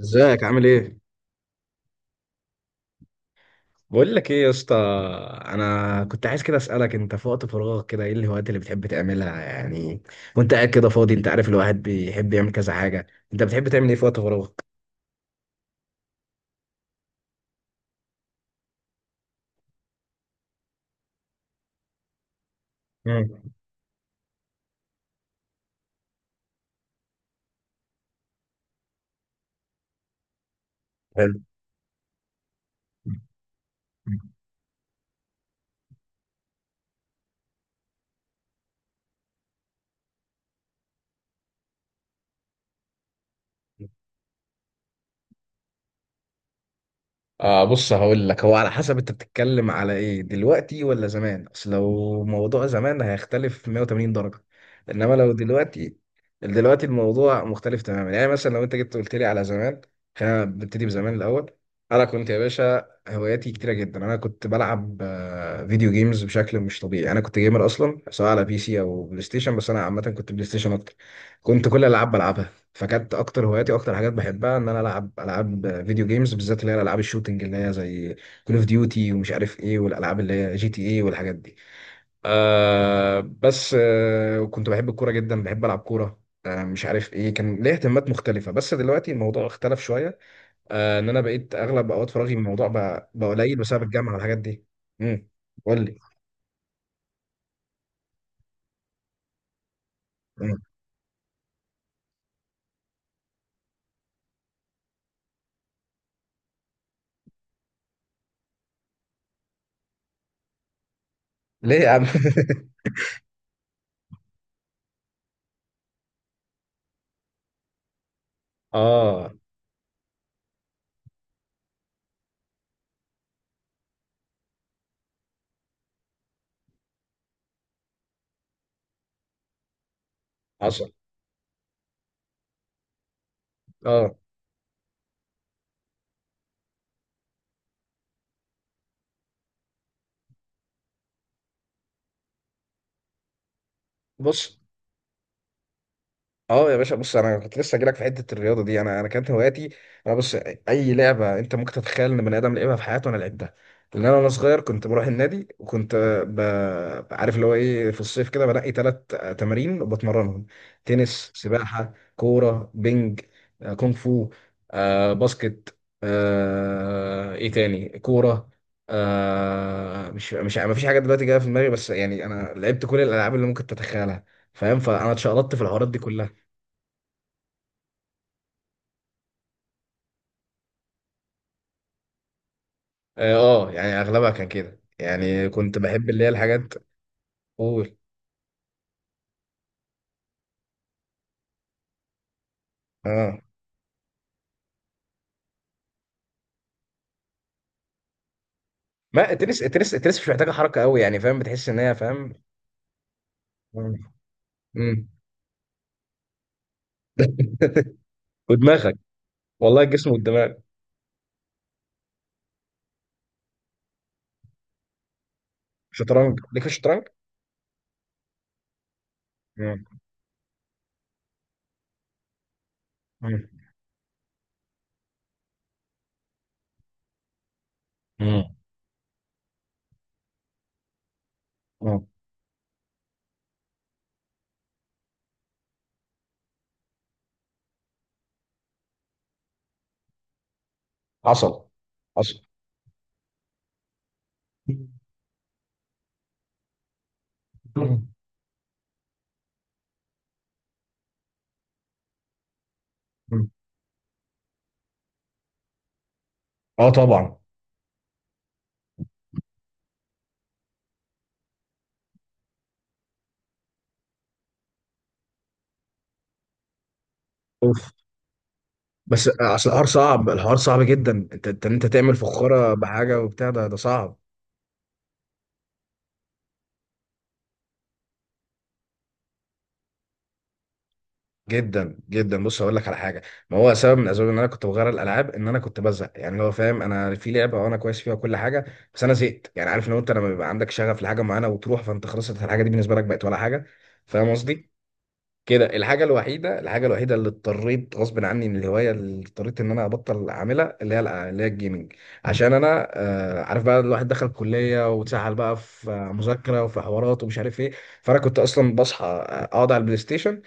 ازيك عامل ايه؟ بقول لك ايه يا اسطى. انا كنت عايز كده اسالك، انت في وقت فراغك كده ايه الهوايات اللي بتحب تعملها يعني؟ وانت قاعد كده فاضي، انت عارف الواحد بيحب يعمل كذا حاجه. انت بتحب تعمل ايه في وقت فراغك؟ مم. حلو. آه بص هقول لك، هو على حسب انت بتتكلم على ايه، دلوقتي ولا زمان؟ اصل لو موضوع زمان هيختلف 180 درجة، انما لو دلوقتي، دلوقتي الموضوع مختلف تماما. يعني مثلا لو انت جيت قلت لي على زمان، خلينا نبتدي بزمان الاول. انا كنت يا باشا هواياتي كتيرة جدا. انا كنت بلعب فيديو جيمز بشكل مش طبيعي. انا كنت جيمر اصلا، سواء على بي سي او بلاي ستيشن، بس انا عامة كنت بلاي ستيشن اكتر. كنت كل الالعاب بلعبها. فكانت اكتر هواياتي واكتر حاجات بحبها ان انا العب العاب فيديو جيمز، بالذات اللي هي الالعاب الشوتنج، اللي هي زي كول اوف ديوتي ومش عارف ايه، والالعاب اللي هي جي تي ايه والحاجات دي. بس كنت بحب الكوره جدا، بحب العب كوره، مش عارف ايه، كان ليا اهتمامات مختلفه. بس دلوقتي الموضوع اختلف شويه. ان انا بقيت اغلب اوقات فراغي من الموضوع بقى قليل بسبب الجامعه والحاجات دي. امم. قول لي. مم. ليه يا عم؟ اه، حصل. اه بص، اه يا باشا بص، انا كنت لسه جايلك في حته الرياضه دي. انا كانت هواياتي، انا بص، اي لعبه انت ممكن تتخيل ان بني ادم لعبها في حياته، انا لعبتها. لان انا وانا صغير كنت بروح النادي، وكنت ب... عارف اللي هو ايه، في الصيف كده بنقي 3 تمارين وبتمرنهم. تنس، سباحه، كوره، بينج، كونغ فو، باسكت، ايه تاني كوره، مش ما فيش حاجه دلوقتي جايه في دماغي. بس يعني انا لعبت كل الالعاب اللي ممكن تتخيلها، فاهم؟ فانا اتشقلطت في الحوارات دي كلها. اه. يعني اغلبها كان كده، يعني كنت بحب اللي هي الحاجات. قول. اه، ما التنس، مش محتاجه حركه قوي يعني، فاهم؟ بتحس ان هي، فاهم. امم، ودماغك، والله الجسم والدماغ. شطرنج، ليك في الشطرنج؟ مم. مم. مم. مم. حصل. حصل. مم. مم. اه طبعا. اوف. بس اصل الحوار صعب، جدا. انت تعمل فخاره بحاجه وبتاع، ده صعب. جدا جدا. بص هقول لك على حاجه، ما هو سبب من اسباب ان انا كنت بغير الالعاب، ان انا كنت بزهق. يعني اللي هو فاهم، انا في لعبه وانا كويس فيها كل حاجه، بس انا زهقت. يعني عارف، لو انت لما بيبقى عندك شغف لحاجه معينه وتروح، فانت خلاص أنت الحاجه دي بالنسبه لك بقت ولا حاجه، فاهم قصدي؟ كده. الحاجه الوحيده اللي اضطريت غصب عني من الهوايه، اللي اضطريت ان انا ابطل اعملها، اللي هي اللي هي الجيمنج. عشان انا، عارف بقى، الواحد دخل كليه واتسحل بقى في مذاكره وفي حوارات ومش عارف ايه. فانا كنت اصلا بصحى اقعد على البلاي ستيشن،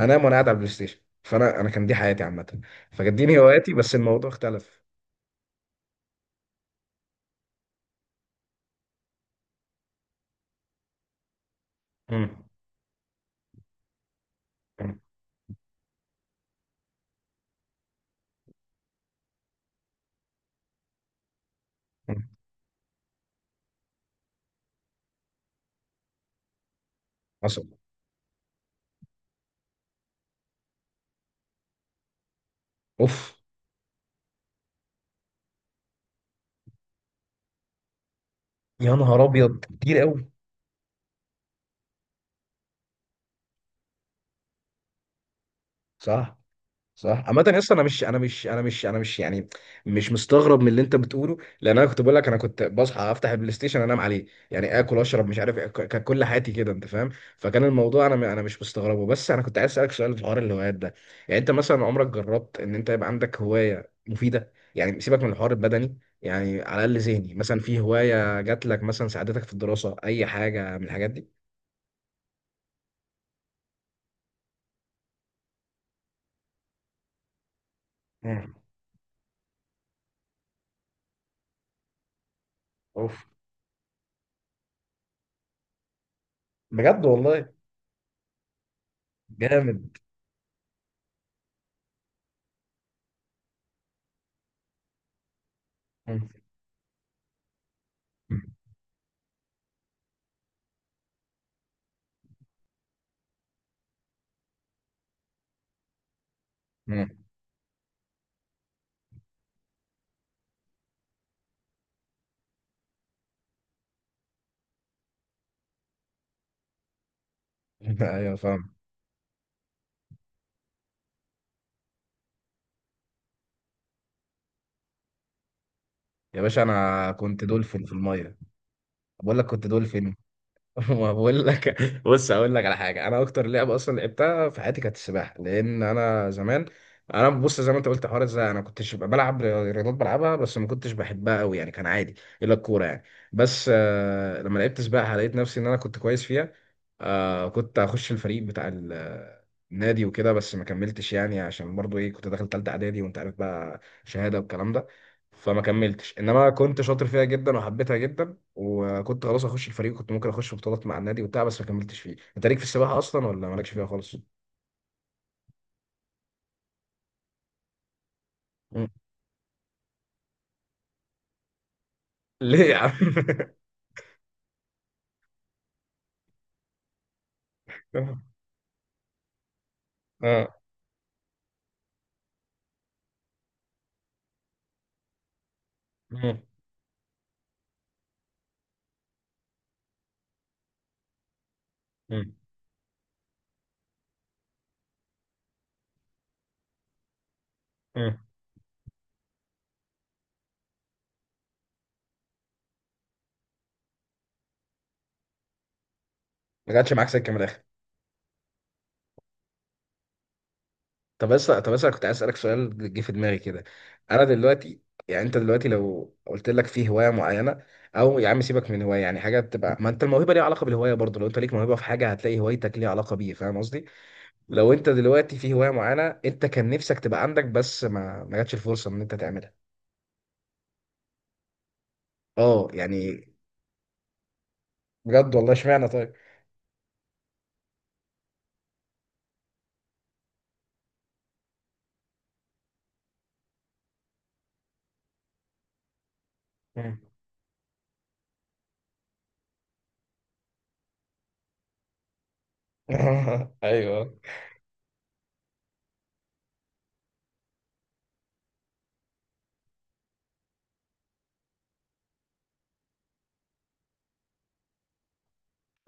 هنام وانا قاعد على البلاي ستيشن. فانا كان دي حياتي عامه، فكانت دي هواياتي. بس الموضوع اختلف. امم. امم. امم. حصل. اوف. يا نهار ابيض، كتير قوي. صح. صح. عامة يا اسطى، انا مش، انا مش، انا مش، يعني مش مستغرب من اللي انت بتقوله، لان انا كنت بقول لك انا كنت بصحى افتح البلاي ستيشن انام عليه، يعني اكل اشرب مش عارف إيه، كانت كل حياتي كده، انت فاهم. فكان الموضوع، انا مش مستغربه. بس انا كنت عايز اسالك سؤال في حوار الهوايات ده، يعني انت مثلا عمرك جربت ان انت يبقى عندك هوايه مفيده؟ يعني سيبك من الحوار البدني، يعني على الاقل ذهني، مثلا في هوايه جات لك مثلا ساعدتك في الدراسه، اي حاجه من الحاجات دي؟ مم. اوف. بجد والله. جامد. مم. مم. ايوه فاهم. يا باشا انا كنت دولفين في الميه. بقول لك كنت دولفين. ما بقول لك. بص اقول لك على حاجه، انا اكتر لعبه اصلا لعبتها في حياتي كانت السباحه. لان انا زمان، انا بص، زي ما انت قلت، حوار ازاي انا كنتش ببقى بلعب رياضات بلعبها بس ما كنتش بحبها قوي، يعني كان عادي الا الكوره يعني. بس لما لعبت سباحه لقيت نفسي ان انا كنت كويس فيها. كنت هخش الفريق بتاع النادي وكده، بس ما كملتش يعني، عشان برضو ايه، كنت داخل تالتة اعدادي وانت عارف بقى شهاده والكلام ده. فما كملتش، انما كنت شاطر فيها جدا وحبيتها جدا. وكنت خلاص اخش الفريق، كنت ممكن اخش بطولات مع النادي وبتاع، بس ما كملتش فيه. انت ليك في السباحه اصلا ولا مالكش فيها خالص؟ مم. ليه يا عم؟ اه. مم. مم. مم. ما جاتش معاك سكه من الاخر. طب بس انا كنت عايز اسالك سؤال جه في دماغي كده. انا دلوقتي، يعني انت دلوقتي لو قلت لك في هوايه معينه، او يا عم سيبك من هوايه، يعني حاجه بتبقى، ما انت الموهبه ليها علاقه بالهوايه برضه. لو انت ليك موهبه في حاجه هتلاقي هوايتك ليها علاقه بيه، فاهم قصدي؟ لو انت دلوقتي في هوايه معينه انت كان نفسك تبقى عندك، بس ما جاتش الفرصه ان انت تعملها. اه يعني، بجد والله؟ اشمعنى طيب؟ مم. ايوه،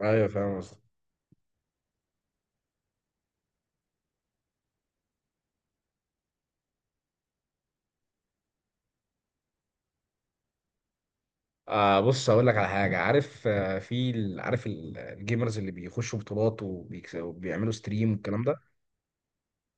ايوه فاهم قصدك. بص هقول لك على حاجه، عارف في عارف الجيمرز اللي بيخشوا بطولات وبيكسبوا وبيعملوا ستريم والكلام ده؟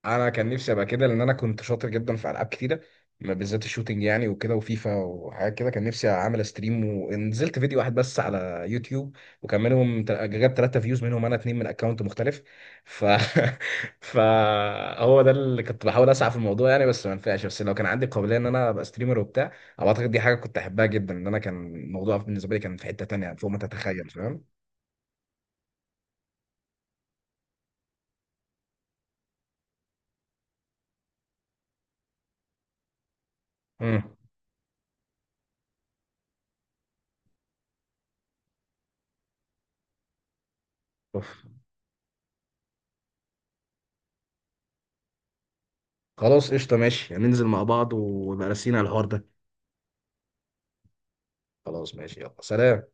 انا كان نفسي ابقى كده، لان انا كنت شاطر جدا في العاب كتيره، ما بالذات الشوتينج يعني، وكده وفيفا وحاجات كده. كان نفسي اعمل ستريم، ونزلت فيديو واحد بس على يوتيوب، وكان منهم جاب 3 فيوز، منهم انا اتنين من اكونت مختلف. ف فهو ده اللي كنت بحاول اسعى في الموضوع يعني، بس ما نفعش. بس لو كان عندي قابليه ان انا ابقى ستريمر وبتاع، أو اعتقد دي حاجه كنت احبها جدا، ان انا كان الموضوع بالنسبه لي كان في حته تانيه فوق ما تتخيل، فاهم؟ امم. أوف. خلاص قشطه، ماشي، ننزل مع بعض ويبقى راسينا على الحوار ده. خلاص ماشي، يلا سلام.